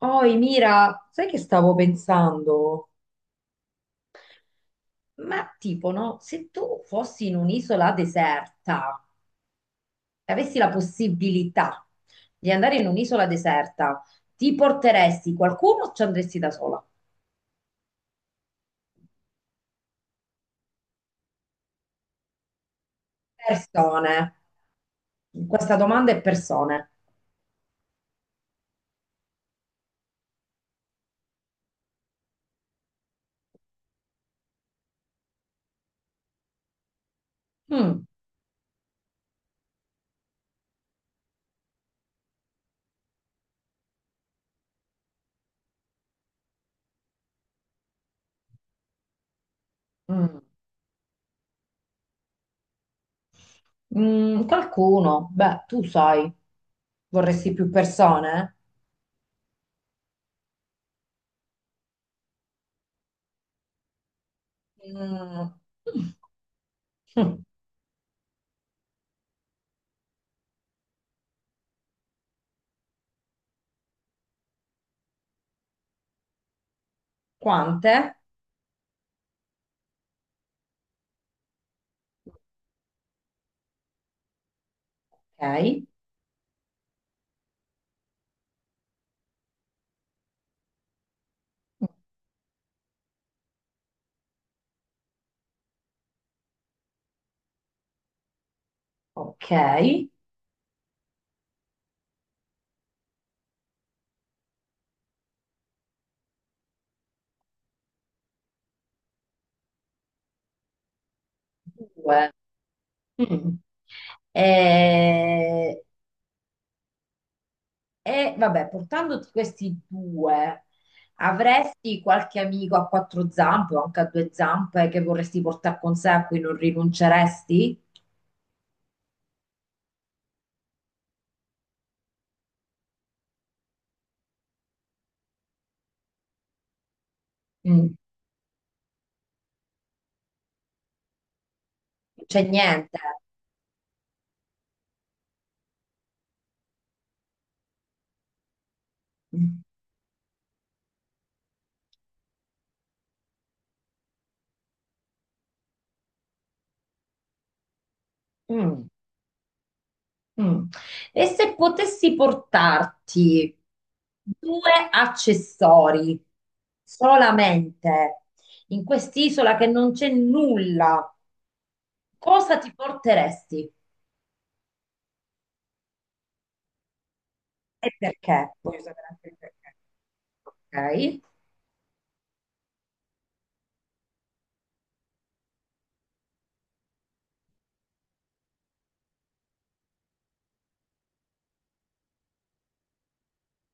Oi, Mira, sai che stavo pensando? Ma tipo, no? Se tu fossi in un'isola deserta e avessi la possibilità di andare in un'isola deserta, ti porteresti qualcuno o ci andresti da sola? Persone. Questa domanda è persone. Mm, mm. Qualcuno? Beh, tu sai, vorresti più persone? Mm. Mm. Quante? Ok. Ok. Due. Mm. E, vabbè, portandoti questi due, avresti qualche amico a quattro zampe o anche a due zampe che vorresti portare con sé, a cui non rinunceresti? Mm. Non c'è niente. Mm. Mm. E se potessi portarti due accessori solamente in quest'isola che non c'è nulla, cosa ti porteresti? E perché? Voglio sapere anche il perché. Ok.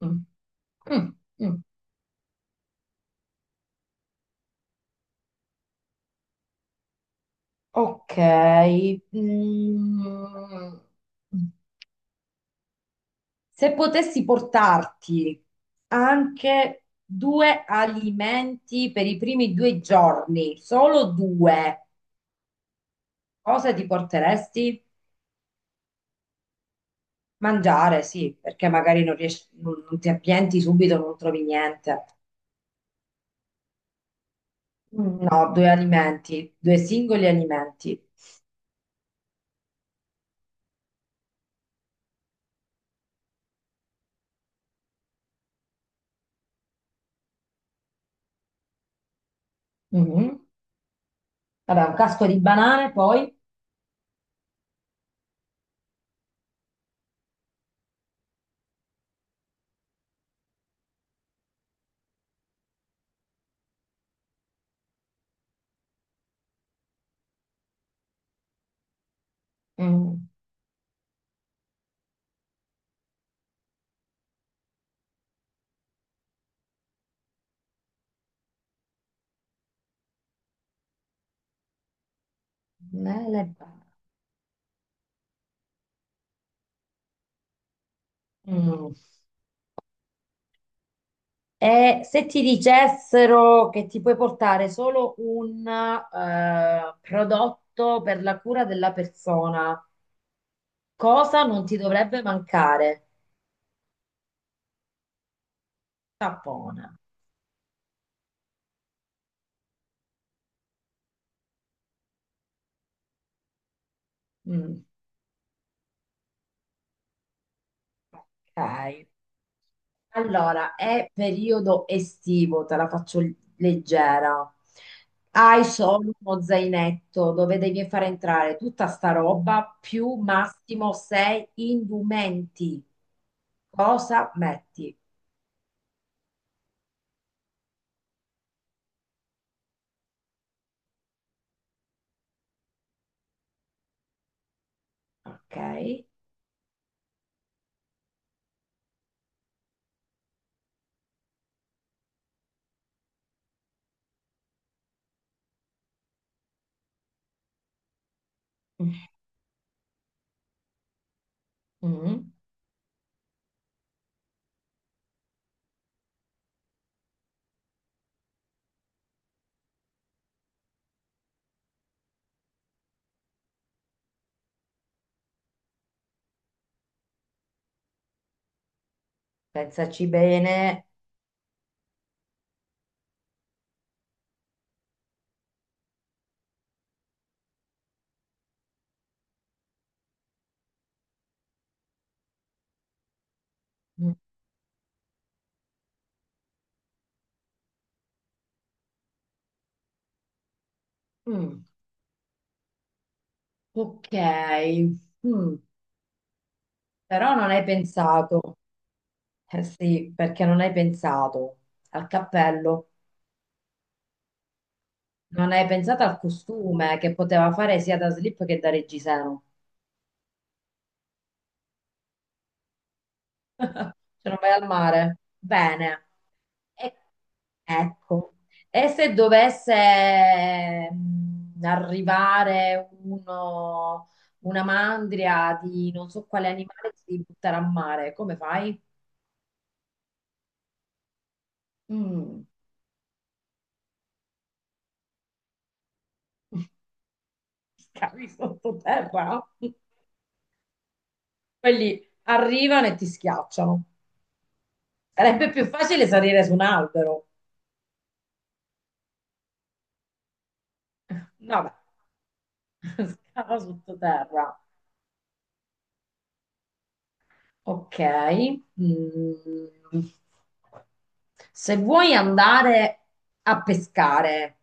Mm. Mm, mm. Ok. Mm. Se potessi portarti anche due alimenti per i primi due giorni, solo due, cosa ti porteresti? Mangiare, sì, perché magari non riesci, non ti appienti subito, non trovi niente. No, due alimenti, due singoli alimenti. Mhm. Vabbè, un casco di banane, poi. Mm, nelle ba- mm. E se ti dicessero che ti puoi portare solo un prodotto per la cura della persona, cosa non ti dovrebbe mancare? Sapone. Mm, ok. Allora, è periodo estivo, te la faccio leggera. Hai solo uno zainetto dove devi fare entrare tutta sta roba più massimo sei indumenti. Cosa metti? Ok. Mm. Pensaci bene. Mm. Mm. Ok. Mm. Però non hai pensato. Eh sì, perché non hai pensato al cappello. Non hai pensato al costume che poteva fare sia da slip che da reggiseno? Se non vai al mare? Bene. E- ecco. E se dovesse arrivare una mandria di non so quale animale ti devi buttare a mare, come fai? Mm. Scavi sottoterra. Quelli arrivano e ti schiacciano. Sarebbe più facile salire su un albero. No, beh, scava sottoterra. Ok. Mm. Se vuoi andare a pescare,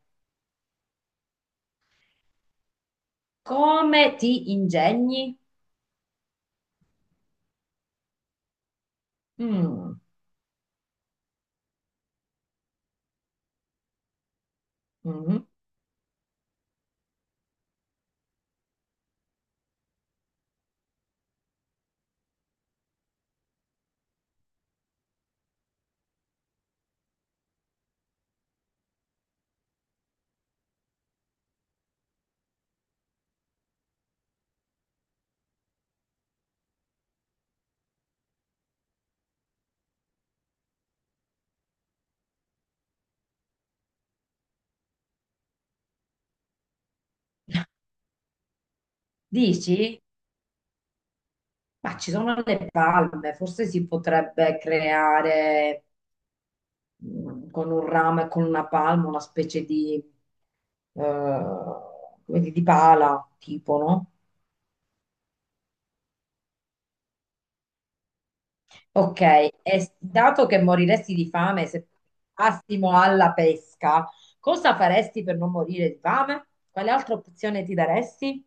come ti ingegni? Mm. Mhm. Dici? Ma ci sono le palme, forse si potrebbe creare con un ramo e con una palma una specie di, come dire, di pala, tipo, no? Ok, e dato che moriresti di fame se passimo alla pesca, cosa faresti per non morire di fame? Quale altra opzione ti daresti?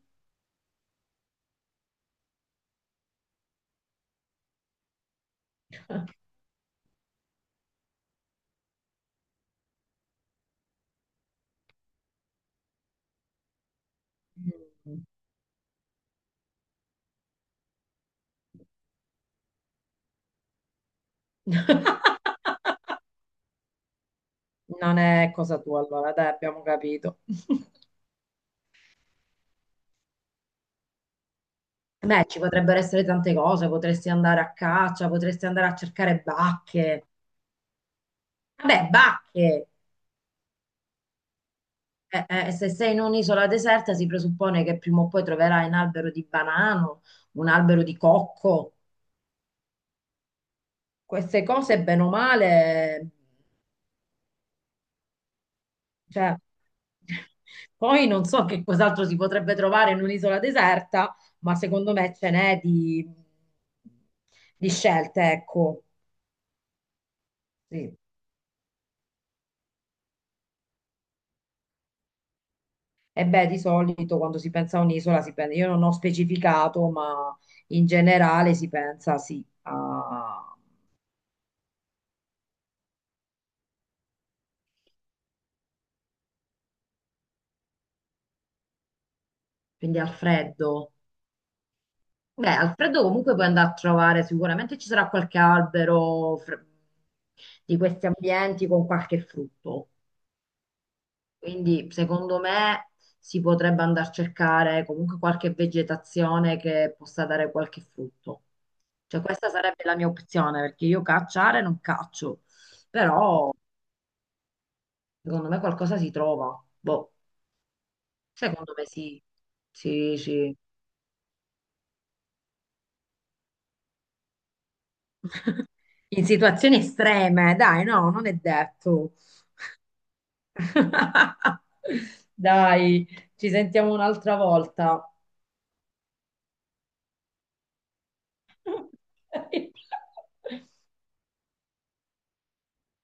Mm. Non è cosa tua, allora, dai, abbiamo capito. Beh, ci potrebbero essere tante cose, potresti andare a caccia, potresti andare a cercare bacche. Vabbè, bacche! Se sei in un'isola deserta si presuppone che prima o poi troverai un albero di banano, un albero di cocco. Queste cose, bene o male, cioè, poi non so che cos'altro si potrebbe trovare in un'isola deserta, ma secondo me ce n'è di, scelte, ecco. Sì. E beh, di solito quando si pensa a un'isola si pensa, io non ho specificato, ma in generale si pensa, sì, quindi al freddo. Beh, al freddo comunque puoi andare a trovare, sicuramente ci sarà qualche albero di questi ambienti con qualche frutto. Quindi secondo me si potrebbe andare a cercare comunque qualche vegetazione che possa dare qualche frutto. Cioè questa sarebbe la mia opzione, perché io cacciare non caccio, però secondo me qualcosa si trova. Boh, secondo me sì. Sì, sì. In situazioni estreme, dai, no, non è detto. Dai, ci sentiamo un'altra volta.